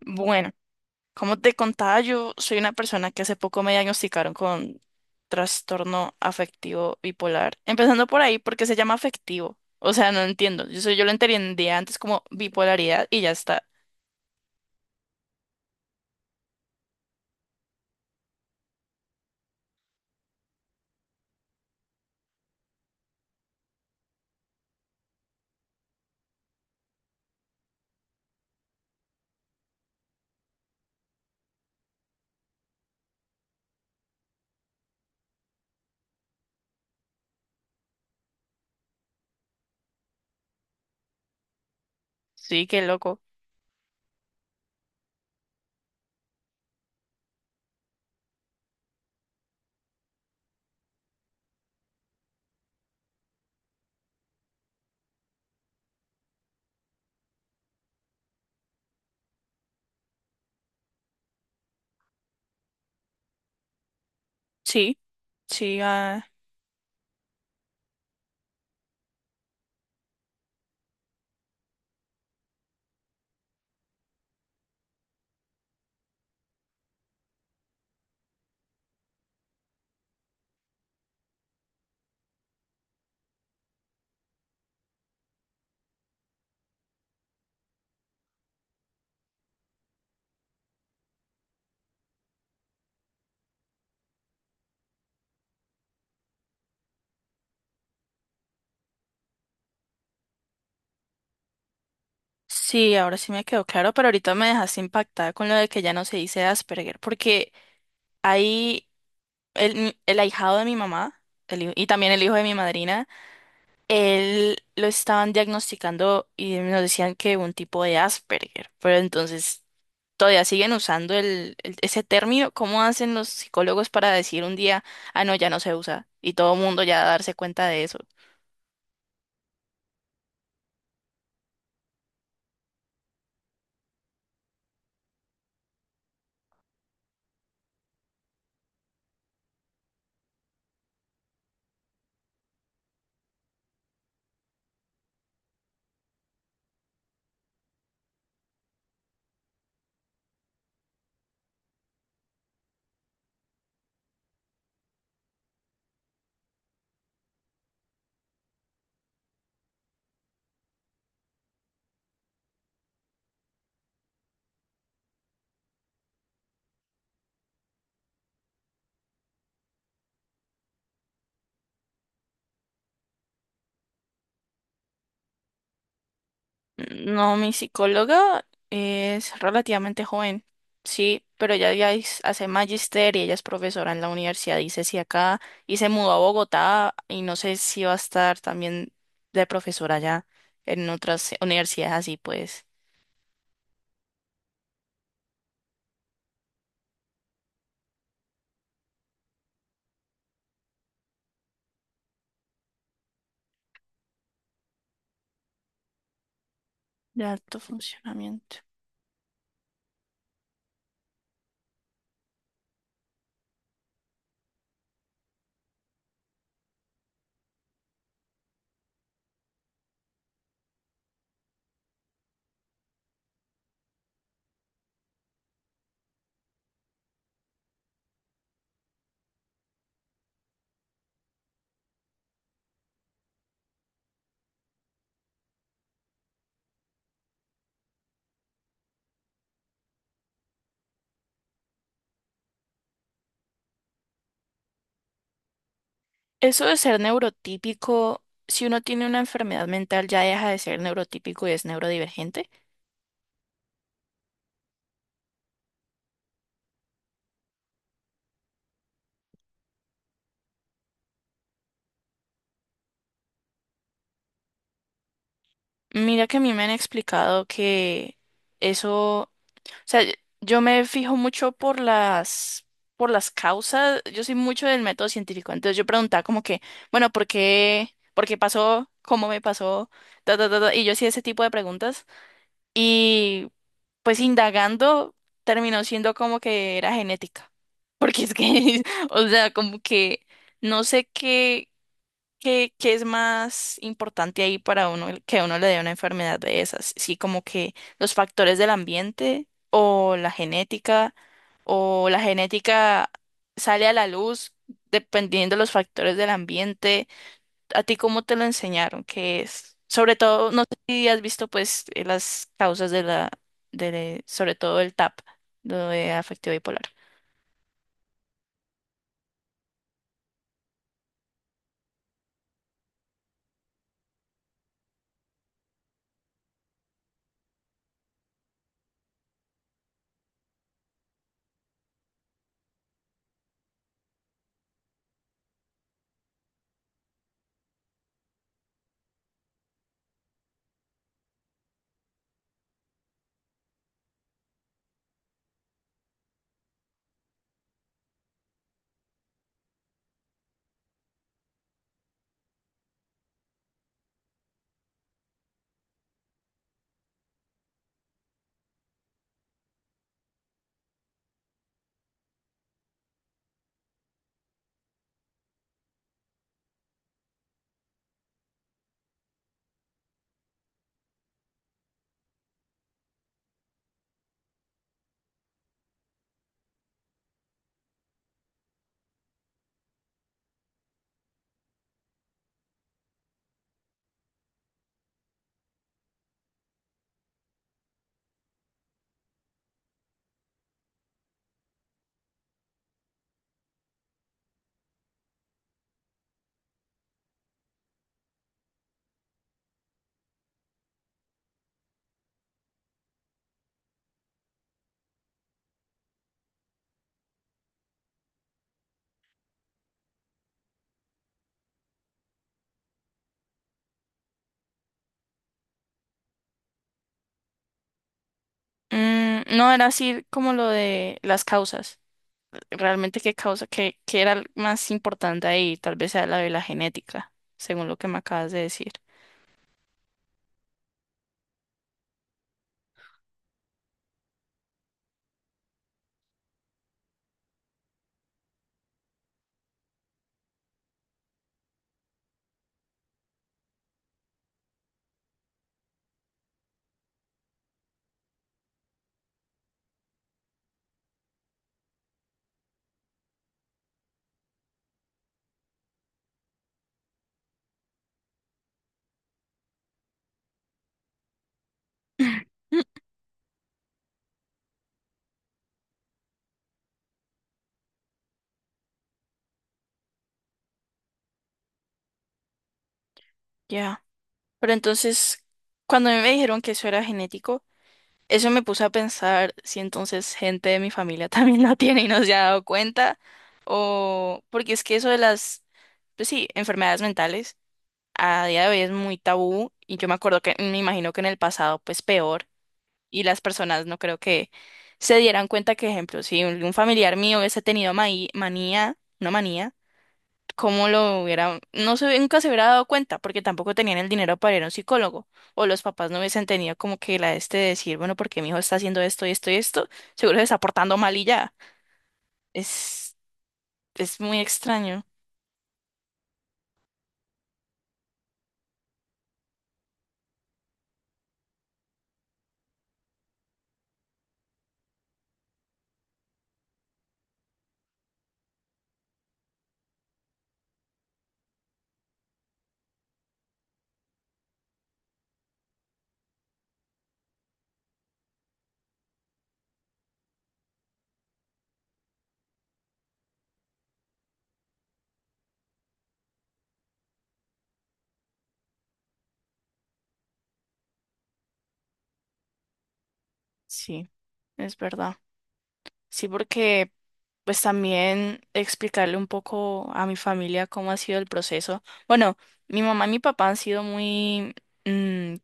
Bueno, como te contaba, yo soy una persona que hace poco me diagnosticaron con trastorno afectivo bipolar. Empezando por ahí, porque se llama afectivo? O sea, no entiendo. Yo, yo lo entendía antes como bipolaridad y ya está. Sí, qué loco. Sí, sí, sí, ahora sí me quedó claro, pero ahorita me dejaste impactada con lo de que ya no se dice Asperger, porque ahí el ahijado de mi mamá, y también el hijo de mi madrina, él lo estaban diagnosticando y nos decían que un tipo de Asperger, pero entonces todavía siguen usando ese término. ¿Cómo hacen los psicólogos para decir un día, ah, no, ya no se usa? Y todo el mundo ya darse cuenta de eso. No, mi psicóloga es relativamente joven, sí, pero hace magister y ella es profesora en la universidad, dice si acá, y se mudó a Bogotá y no sé si va a estar también de profesora ya en otras universidades así, pues, de alto funcionamiento. Eso de ser neurotípico, si uno tiene una enfermedad mental ya deja de ser neurotípico y es neurodivergente. Mira que a mí me han explicado que eso... sea, yo yo me fijo mucho por las causas. Yo soy mucho del método científico. Entonces yo preguntaba como que, bueno, ¿por qué? ¿Por qué pasó? ¿Cómo me pasó? Ta, ta, ta, ta, y yo hacía ese tipo de preguntas. Y pues indagando, terminó siendo como que era genética. Porque es que, o sea, como que no sé qué. ¿Qué, qué es más importante ahí para uno que a uno le dé una enfermedad de esas? Sí, como que los factores del ambiente o la genética, o la genética sale a la luz dependiendo de los factores del ambiente. ¿A ti cómo te lo enseñaron? ¿Qué es? Sobre todo, no sé si has visto las causas de sobre todo el TAP, lo de afectivo bipolar. Mm, no, era así como lo de las causas. Realmente qué causa, qué era el más importante ahí, tal vez sea la de la genética, según lo que me acabas de decir. Mm, ya. Pero entonces, cuando a mí me dijeron que eso era genético, eso me puso a pensar si entonces gente de mi familia también lo tiene y no se ha dado cuenta, o porque es que eso de las, pues sí, enfermedades mentales a día de hoy es muy tabú, y yo me acuerdo que me imagino que en el pasado pues peor. Y las personas no creo que se dieran cuenta que, ejemplo, si un familiar mío hubiese tenido manía, una manía, cómo lo hubiera, no se, nunca se hubiera dado cuenta porque tampoco tenían el dinero para ir a un psicólogo, o los papás no hubiesen tenido como que la este de decir, bueno, porque mi hijo está haciendo esto y esto y esto? Seguro se está portando mal y ya. Es, es muy extraño. Sí, es verdad. Sí, porque pues también explicarle un poco a mi familia cómo ha sido el proceso. Bueno, mi mamá y mi papá han sido muy... mm,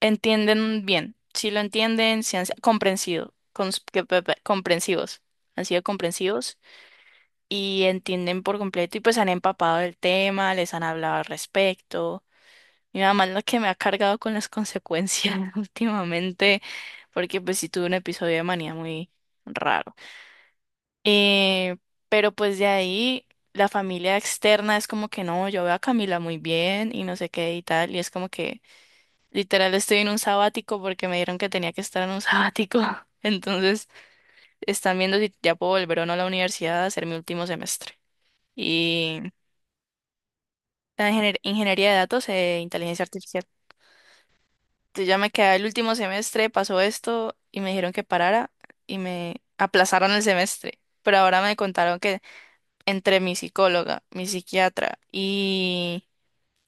entienden bien, sí lo entienden, sí han sido comprensido, comprensivos, han sido comprensivos y entienden por completo y pues han empapado del tema, les han hablado al respecto. Mi mamá es la que me ha cargado con las consecuencias últimamente, porque pues sí tuve un episodio de manía muy raro. Eh, pero pues de ahí la familia externa es como que no, yo veo a Camila muy bien y no sé qué y tal. Y es como que literal estoy en un sabático porque me dijeron que tenía que estar en un sabático. Entonces están viendo si ya puedo volver o no a la universidad a hacer mi último semestre. Y ingeniería de datos e inteligencia artificial. Entonces ya me quedé el último semestre, pasó esto y me dijeron que parara y me aplazaron el semestre. Pero ahora me contaron que entre mi psicóloga, mi psiquiatra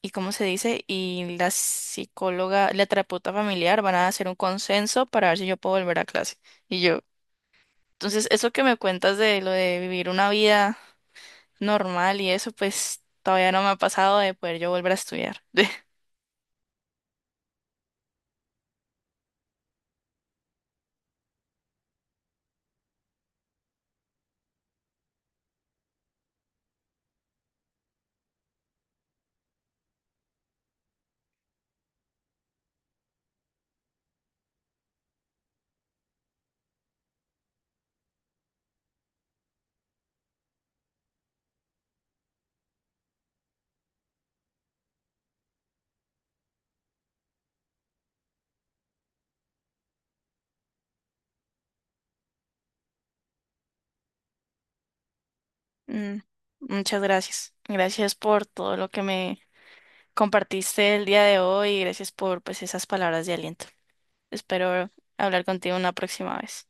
y ¿cómo se dice? Y la psicóloga, la terapeuta familiar van a hacer un consenso para ver si yo puedo volver a clase. Y yo, entonces, eso que me cuentas de lo de vivir una vida normal y eso, pues todavía no me ha pasado de poder yo volver a estudiar. Mm, muchas gracias. Gracias por todo lo que me compartiste el día de hoy y gracias por pues esas palabras de aliento. Espero hablar contigo una próxima vez.